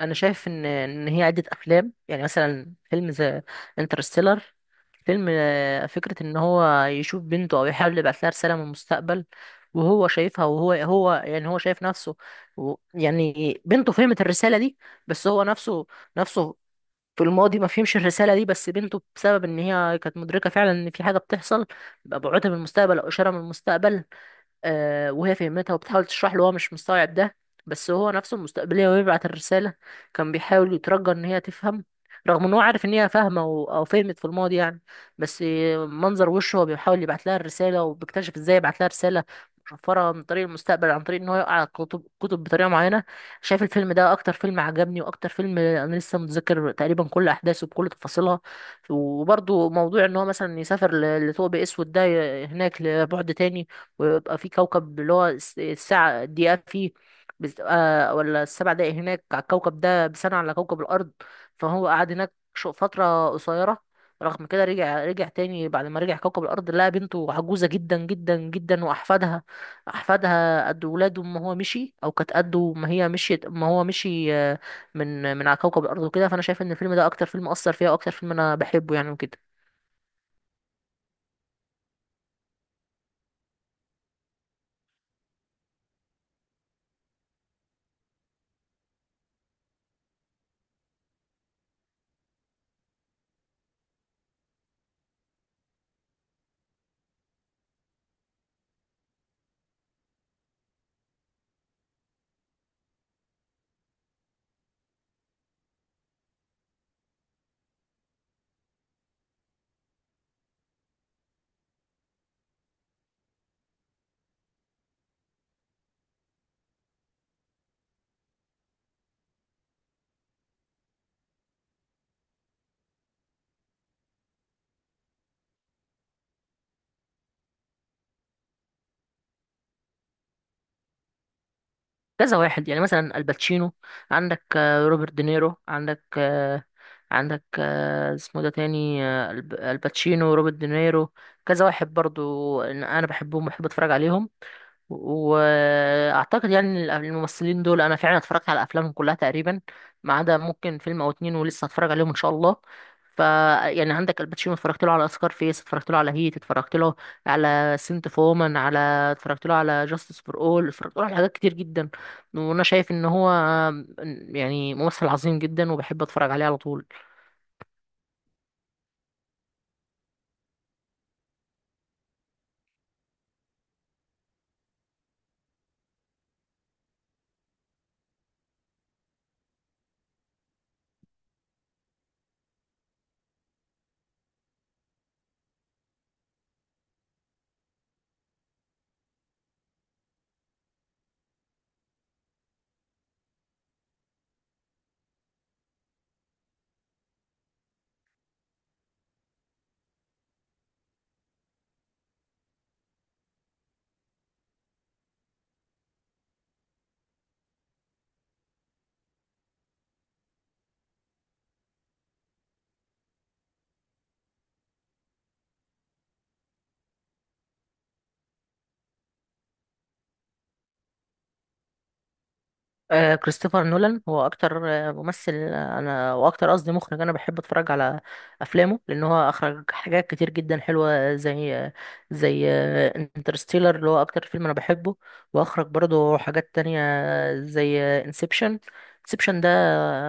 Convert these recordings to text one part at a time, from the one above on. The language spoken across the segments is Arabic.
انا شايف ان هي عده افلام، يعني مثلا فيلم زي انترستيلر. فيلم فكره ان هو يشوف بنته او يحاول يبعت لها رساله من المستقبل، وهو شايفها، وهو يعني هو شايف نفسه و يعني بنته فهمت الرساله دي، بس هو نفسه في الماضي ما فهمش الرساله دي، بس بنته بسبب ان هي كانت مدركه فعلا ان في حاجه بتحصل، بقى بعوتها من المستقبل او اشاره من المستقبل. وهي فهمتها وبتحاول تشرح له، هو مش مستوعب ده، بس هو نفسه المستقبلية ويبعت الرسالة، كان بيحاول يترجى إن هي تفهم، رغم إن هو عارف إن هي فاهمة أو فهمت في الماضي يعني. بس منظر وشه هو بيحاول يبعت لها الرسالة، وبيكتشف إزاي يبعت لها رسالة مشفرة من طريق المستقبل، عن طريق إن هو يقع على الكتب، كتب بطريقة معينة. شايف الفيلم ده أكتر فيلم عجبني، وأكتر فيلم أنا لسه متذكر تقريبا كل أحداثه بكل تفاصيلها. وبرضه موضوع إن هو مثلا يسافر لثقب أسود ده هناك لبعد تاني، ويبقى في كوكب اللي هو الساعة الدقيقة فيه بتبقى ولا السبع دقايق هناك على الكوكب ده بسنة على كوكب الأرض. فهو قعد هناك فترة قصيرة. رغم كده، رجع تاني، بعد ما رجع كوكب الأرض، لقى بنته عجوزة جدا جدا جدا، وأحفادها قد ولاده ما هو مشي، أو كانت قده ما هي مشيت ما هو مشي من على كوكب الأرض وكده. فأنا شايف إن الفيلم ده أكتر فيلم أثر فيها، وأكتر فيلم أنا بحبه يعني وكده. كذا واحد يعني، مثلا الباتشينو، عندك روبرت دينيرو، عندك عندك اسمه ده تاني، الباتشينو، روبرت دينيرو. كذا واحد برضو إن انا بحبهم وبحب اتفرج عليهم، واعتقد يعني إن الممثلين دول انا فعلا اتفرجت على افلامهم كلها تقريبا، ما عدا ممكن فيلم او اتنين، ولسه هتفرج عليهم ان شاء الله. ف يعني عندك الباتشينو، اتفرجت له على اسكار فيس، اتفرجت له على هيت، اتفرجت له على سنت فومن، على اتفرجت له على جاستس فور اول، اتفرجت له على حاجات كتير جدا، وانا شايف ان هو يعني ممثل عظيم جدا، وبحب اتفرج عليه على طول. كريستوفر نولان هو اكتر ممثل، انا واكتر قصدي مخرج، انا بحب اتفرج على افلامه، لان هو اخرج حاجات كتير جدا حلوه، زي زي انترستيلر اللي هو اكتر فيلم انا بحبه، واخرج برضه حاجات تانية زي انسبشن. انسبشن ده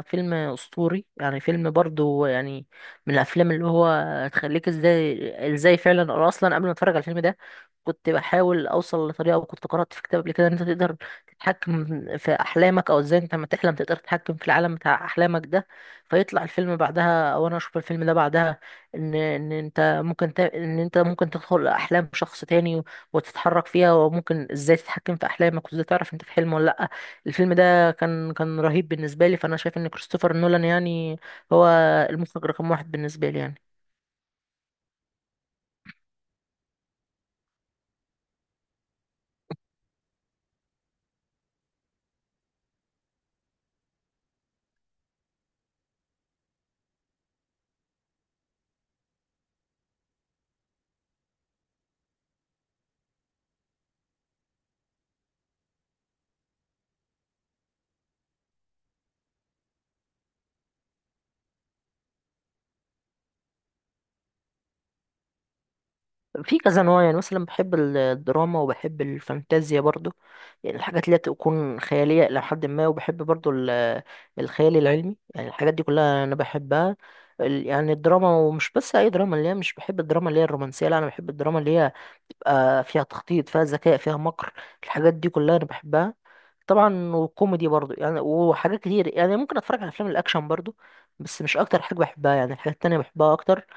فيلم اسطوري يعني، فيلم برضه يعني من الافلام اللي هو تخليك ازاي فعلا. انا اصلا قبل ما اتفرج على الفيلم ده كنت بحاول اوصل لطريقه، وكنت قرات في كتاب قبل كده ان انت تقدر تتحكم في احلامك، او ازاي انت لما تحلم تقدر تتحكم في العالم بتاع احلامك ده. فيطلع الفيلم بعدها، او انا اشوف الفيلم ده بعدها، ان انت ممكن ان انت ممكن تدخل احلام شخص تاني وتتحرك فيها، وممكن ازاي تتحكم في احلامك، وازاي تعرف انت في حلم ولا لا. الفيلم ده كان رهيب بالنسبه لي، فانا شايف ان كريستوفر نولان يعني هو المخرج رقم واحد بالنسبه لي يعني. في كذا نوع يعني، مثلا بحب الدراما، وبحب الفانتازيا برضو، يعني الحاجات اللي هي تكون خيالية إلى حد ما. وبحب برضو الخيال العلمي، يعني الحاجات دي كلها أنا بحبها. يعني الدراما، ومش بس أي دراما، اللي هي مش بحب الدراما اللي هي الرومانسية، لا أنا بحب الدراما اللي هي بتبقى فيها تخطيط، فيها ذكاء، فيها مكر، الحاجات دي كلها أنا بحبها. طبعا وكوميدي برضو يعني، وحاجات كتير يعني. ممكن أتفرج على أفلام الأكشن برضو، بس مش أكتر حاجة بحبها يعني، الحاجات التانية بحبها أكتر.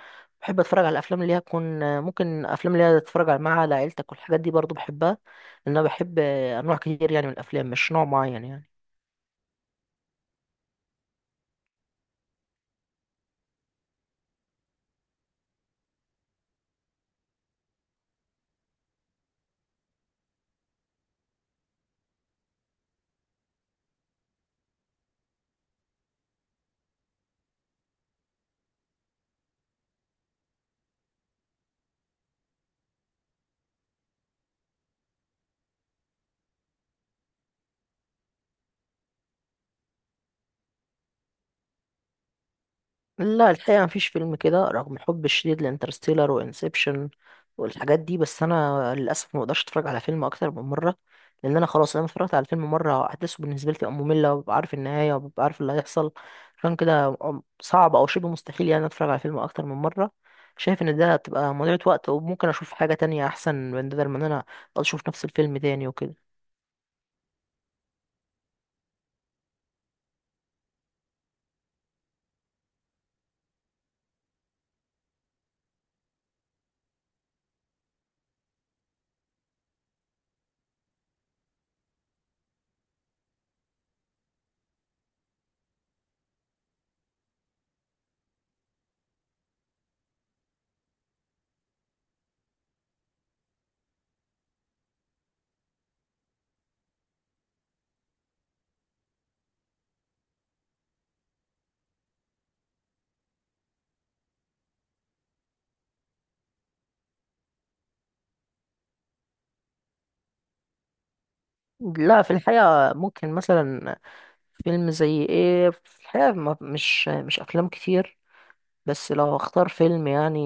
بحب اتفرج على الافلام اللي هي تكون ممكن افلام اللي هي تتفرج مع عيلتك، والحاجات دي برضو بحبها، لان انا بحب انواع كتير يعني من الافلام، مش نوع معين يعني. لا الحقيقة مفيش فيلم كده، رغم حبي الشديد لانترستيلر وانسبشن والحاجات دي، بس انا للاسف ما بقدرش اتفرج على فيلم اكتر من مرة. لان انا خلاص، انا اتفرجت على الفيلم مرة، احداثه بالنسبة لي بتبقى مملة، وببقى عارف النهاية، وببقى عارف اللي هيحصل. عشان كده صعب او شبه مستحيل يعني اتفرج على فيلم اكتر من مرة. شايف ان ده بتبقى مضيعة وقت، وممكن اشوف حاجة تانية احسن من ده، من إن انا أقعد اشوف نفس الفيلم تاني وكده. لا في الحقيقة، ممكن مثلا فيلم زي ايه في الحقيقة، مش افلام كتير، بس لو اختار فيلم يعني،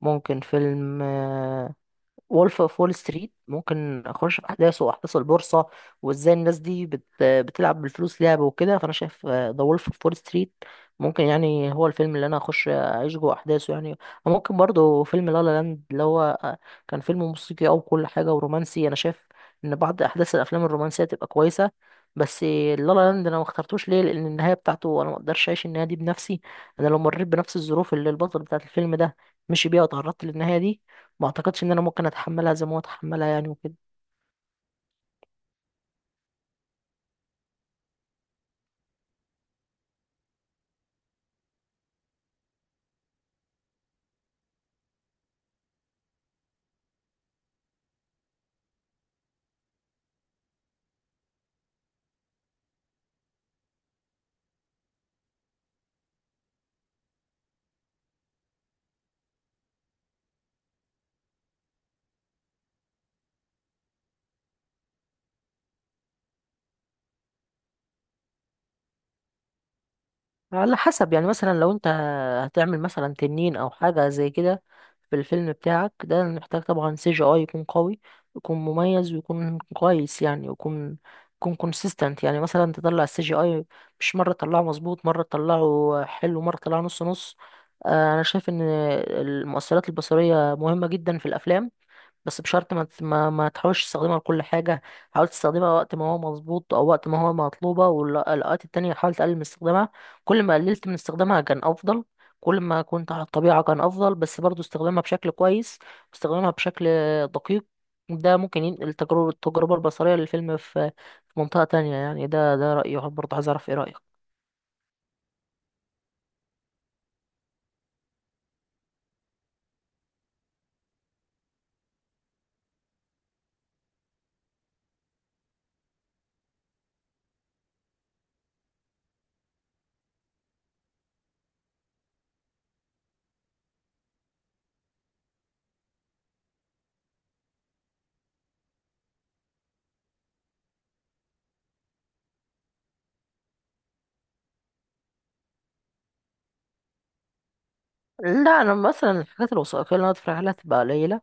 ممكن فيلم وولف اوف وول ستريت. ممكن اخش في احداثه واحداث البورصه، وازاي الناس دي بتلعب بالفلوس لعبه وكده. فانا شايف ذا وولف اوف وول ستريت ممكن يعني هو الفيلم اللي انا اخش اعيش جوه احداثه يعني. وممكن برضه فيلم لا لا لاند، اللي هو كان فيلم موسيقي او كل حاجه ورومانسي. انا شايف ان بعض احداث الافلام الرومانسيه تبقى كويسه، بس لا لا لاند انا ما اخترتوش، ليه؟ لان النهايه بتاعته انا ما اقدرش اعيش النهايه دي بنفسي. انا لو مريت بنفس الظروف اللي البطل بتاعت الفيلم ده مشي بيها وتعرضت للنهايه دي، ما اعتقدش ان انا ممكن اتحملها زي ما هو اتحملها يعني وكده. على حسب يعني، مثلا لو انت هتعمل مثلا تنين او حاجه زي كده في الفيلم بتاعك ده، محتاج طبعا سي جي اي يكون قوي، يكون مميز ويكون كويس، يعني يكون كونسيستنت. يعني مثلا تطلع السي جي اي مش مره تطلعه مظبوط، مره تطلعه حلو، مره تطلعه نص نص. انا شايف ان المؤثرات البصريه مهمه جدا في الافلام، بس بشرط ما ما تحاولش تستخدمها لكل حاجة. حاول تستخدمها وقت ما هو مظبوط، أو وقت ما هو مطلوبة، والأوقات التانية حاول تقلل من استخدامها. كل ما قللت من استخدامها كان أفضل، كل ما كنت على الطبيعة كان أفضل. بس برضو استخدامها بشكل كويس، استخدامها بشكل دقيق، ده ممكن ينقل التجربة البصرية للفيلم في منطقة تانية يعني. ده رأيي برضه، عايز أعرف إيه رأيك؟ لا انا مثلا الحاجات الوثائقيه اللي انا اتفرج عليها تبقى قليله،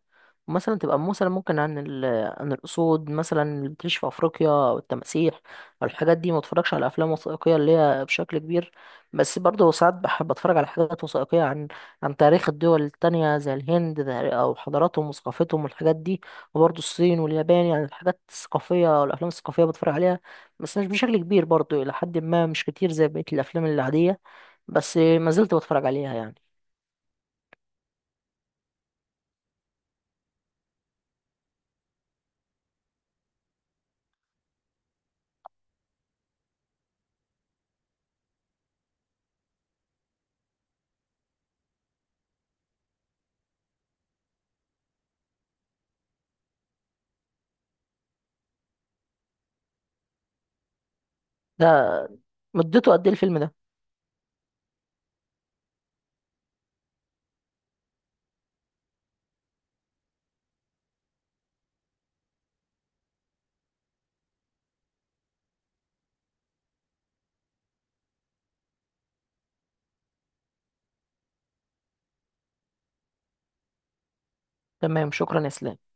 مثلا تبقى مثلا ممكن عن عن الاسود مثلا اللي بتعيش في افريقيا، او التماسيح او الحاجات دي. ما اتفرجش على افلام وثائقيه اللي هي بشكل كبير، بس برضه ساعات بحب اتفرج على حاجات وثائقيه عن تاريخ الدول التانية زي الهند او حضاراتهم وثقافتهم والحاجات دي. وبرضه الصين واليابان، يعني الحاجات الثقافيه والافلام الثقافيه بتفرج عليها بس مش بشكل كبير برضه، الى حد ما مش كتير زي بقيه الافلام العاديه، بس ما زلت بتفرج عليها يعني. ده مدته قد ايه الفيلم ده؟ تمام، شكرا يا اسلام.